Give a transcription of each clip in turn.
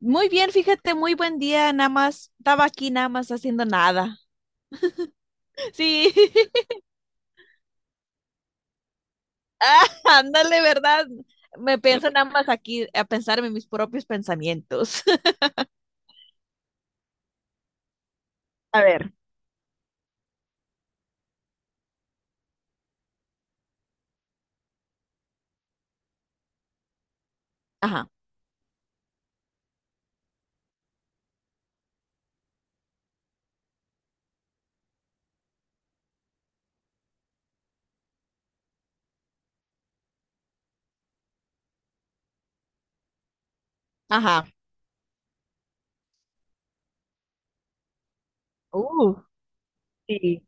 Muy bien, fíjate, muy buen día, nada más. Estaba aquí nada más haciendo nada. Sí, ah, ándale, ¿verdad? Me pienso nada más aquí a pensar en mis propios pensamientos. A ver. Ajá, ajá. Uh, Sí.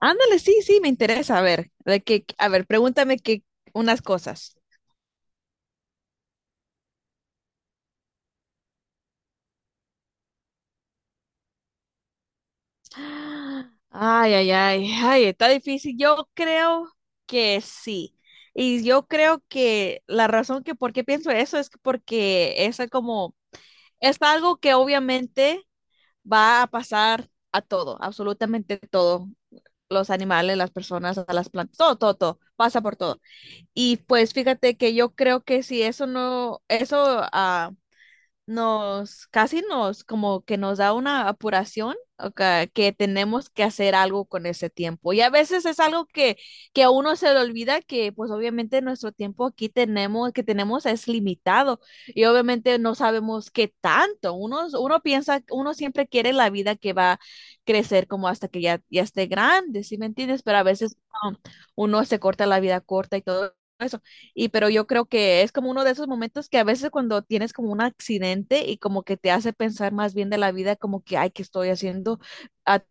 Ándale, sí, sí, me interesa. A ver, de que, a ver, pregúntame que unas cosas. Ay, ay, ay, ay, está difícil. Yo creo que sí. Y yo creo que la razón que por qué pienso eso es que porque esa como es algo que obviamente va a pasar a todo, absolutamente todo. Los animales, las personas, a las plantas, todo, todo, todo, pasa por todo. Y pues fíjate que yo creo que si eso no, eso ah, nos, casi nos, como que nos da una apuración, o ca- que tenemos que hacer algo con ese tiempo. Y a veces es algo que a uno se le olvida que, pues obviamente nuestro tiempo aquí tenemos, que tenemos es limitado y obviamente no sabemos qué tanto. Uno piensa, uno siempre quiere la vida que va a crecer como hasta que ya, ya esté grande, ¿sí me entiendes? Pero a veces um, uno se corta la vida corta y todo eso. Y pero yo creo que es como uno de esos momentos que a veces cuando tienes como un accidente y como que te hace pensar más bien de la vida, como que, ay, ¿qué estoy haciendo? Ah,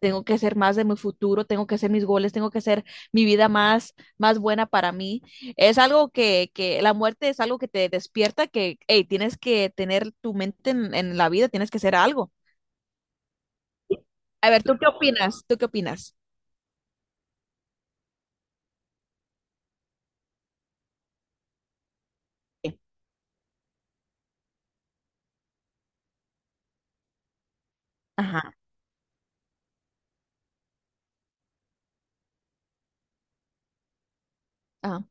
Tengo que hacer más de mi futuro, tengo que hacer mis goles, tengo que hacer mi vida más, más buena para mí. Es algo que la muerte es algo que te despierta, que, hey, tienes que tener tu mente en la vida, tienes que hacer algo. A ver, ¿tú qué opinas? ¿Tú qué opinas? Ajá. Ajá,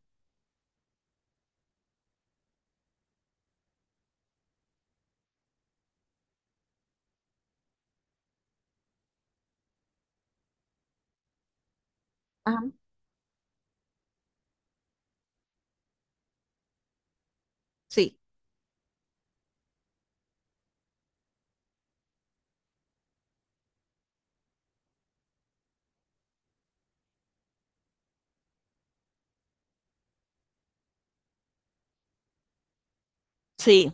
ajá, sí, sí.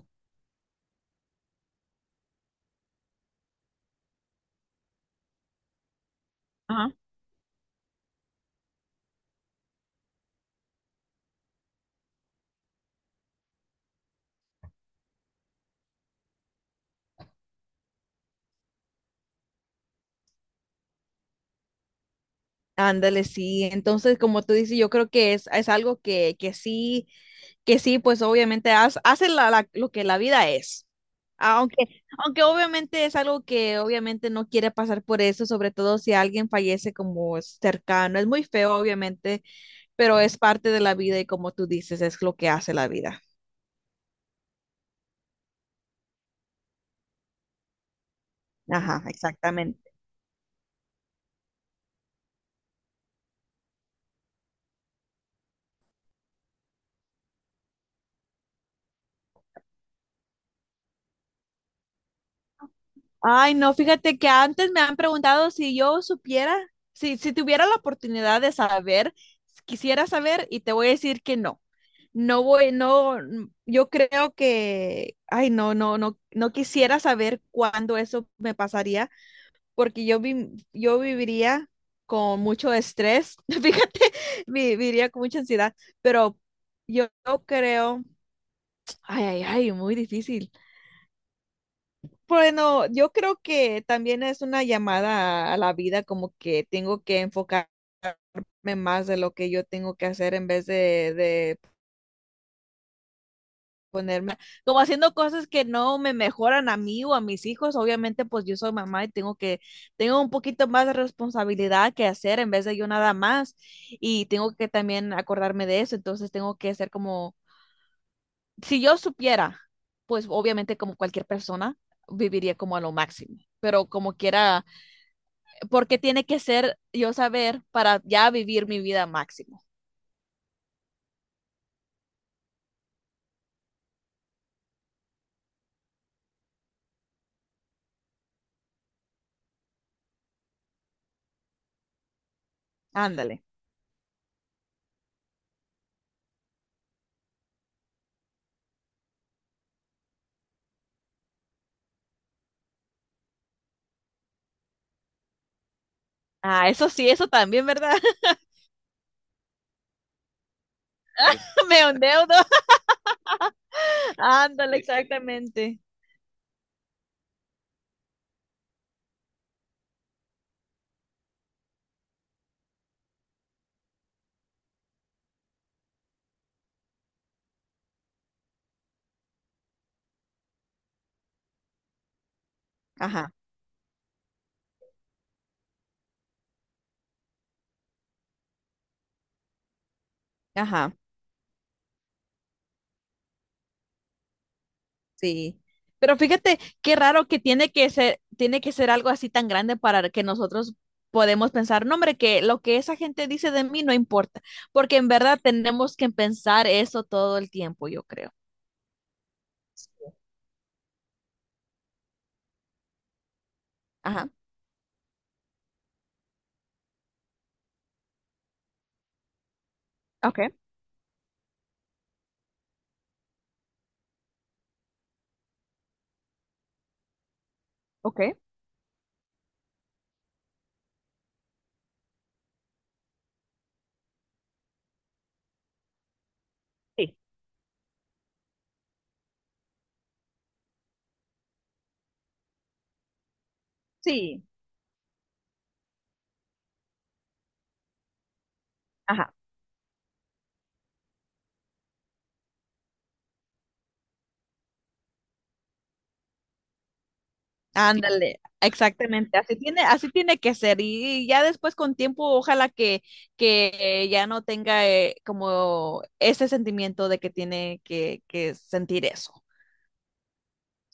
Ándale, sí. Entonces, como tú dices, yo creo es algo que sí, pues obviamente haz- hace la- la- lo que la vida es. Aunque, aunque obviamente es algo que obviamente no quiere pasar por eso, sobre todo si alguien fallece como cercano. Es muy feo, obviamente, pero es parte de la vida y como tú dices, es lo que hace la vida. Ajá, exactamente. Ay, no, fíjate que antes me han preguntado si yo supiera, si tuviera la oportunidad de saber, quisiera saber y te voy a decir que no. No voy, no, yo creo que, ay, no, no, no, no quisiera saber cuándo eso me pasaría, porque yo, vi- yo viviría con mucho estrés, fíjate, vi- viviría con mucha ansiedad, pero yo no creo, ay, ay, ay, muy difícil. Bueno, yo creo que también es una llamada a la vida, como que tengo que enfocarme más de lo que yo tengo que hacer en vez de como haciendo cosas que no me mejoran a mí o a mis hijos, obviamente pues yo soy mamá y tengo tengo un poquito más de responsabilidad que hacer en vez de yo nada más y tengo que también acordarme de eso, entonces tengo que ser como, si yo supiera, pues obviamente como cualquier persona viviría como a lo máximo, pero como quiera, porque tiene que ser yo saber para ya vivir mi vida máximo. Ándale. Ah, eso sí, eso también, ¿verdad? Me endeudo. Ándale, exactamente. Ajá, ajá. Sí. Pero fíjate qué raro que tiene que ser algo así tan grande para que nosotros podemos pensar, no, hombre, que lo que esa gente dice de mí no importa, porque en verdad tenemos que pensar eso todo el tiempo, yo creo. Ajá. Okay, okay, sí, sí, ajá, ándale, exactamente, así tiene que ser y ya después con tiempo ojalá que ya no tenga como ese sentimiento de que tiene que sentir eso.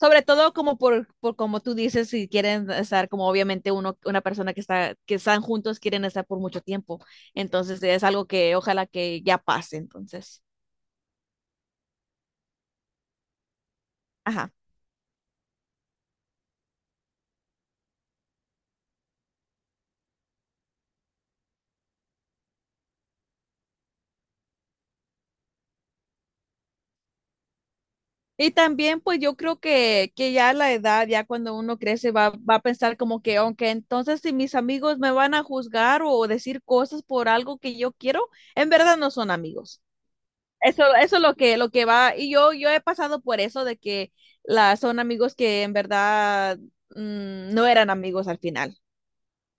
Sobre todo como por como tú dices, si quieren estar como obviamente uno, una persona que están juntos, quieren estar por mucho tiempo. Entonces es algo que ojalá que ya pase, entonces. Ajá. Y también pues yo creo que ya la edad, ya cuando uno crece, va a pensar como que, aunque entonces si mis amigos me van a juzgar o decir cosas por algo que yo quiero, en verdad no son amigos. Eso es lo que va, yo he pasado por eso de que la, son amigos que en verdad no eran amigos al final.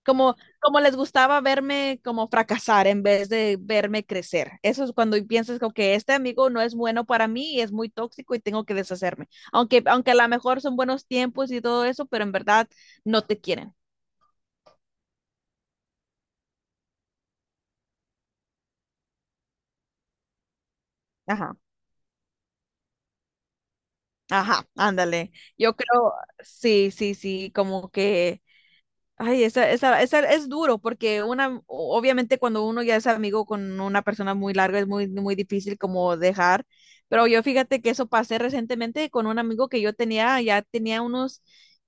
Como, como les gustaba verme como fracasar en vez de verme crecer. Eso es cuando piensas como que este amigo no es bueno para mí y es muy tóxico y tengo que deshacerme. Aunque, aunque a lo mejor son buenos tiempos y todo eso, pero en verdad no te quieren. Ajá, ajá, ándale. Yo creo, sí, sí, sí, como que ay, esa es duro porque una, o- obviamente cuando uno ya es amigo con una persona muy larga es muy, muy difícil como dejar, pero yo fíjate que eso pasé recientemente con un amigo que yo tenía, ya tenía unos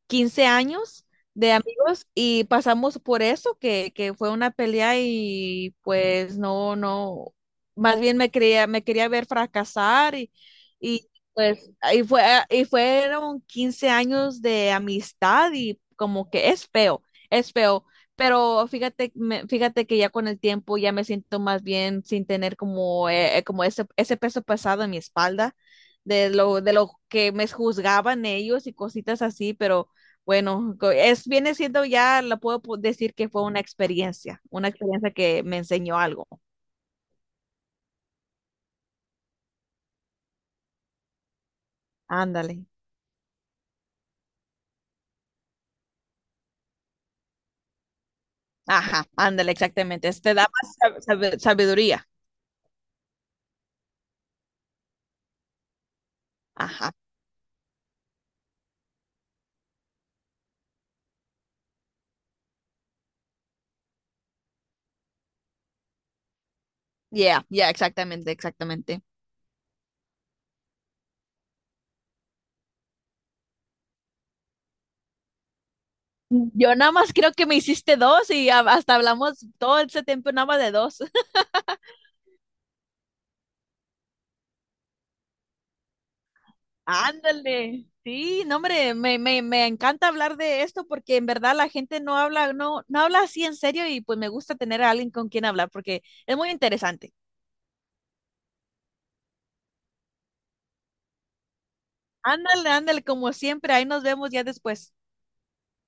15 años de amigos y pasamos por eso, que fue una pelea y pues no, no, más bien me quería ver fracasar y pues ahí fue, y fueron 15 años de amistad y como que es feo, es feo, pero fíjate, me- fíjate que ya con el tiempo ya me siento más bien sin tener como, como ese peso pesado en mi espalda de lo que me juzgaban ellos y cositas así, pero bueno, co- es, viene siendo ya, lo puedo po- decir que fue una experiencia que me enseñó algo. Ándale. Ajá, ándale, exactamente. Te da más sab- sabe- sabiduría. Ajá. Yeah, yeah, exactamente, exactamente. Yo nada más creo que me hiciste dos y a- hasta hablamos todo ese tiempo nada más de dos. Ándale. Sí, no, hombre, me encanta hablar de esto porque en verdad la gente no habla, no, no habla así en serio y pues me gusta tener a alguien con quien hablar porque es muy interesante. Ándale, ándale, como siempre, ahí nos vemos ya después.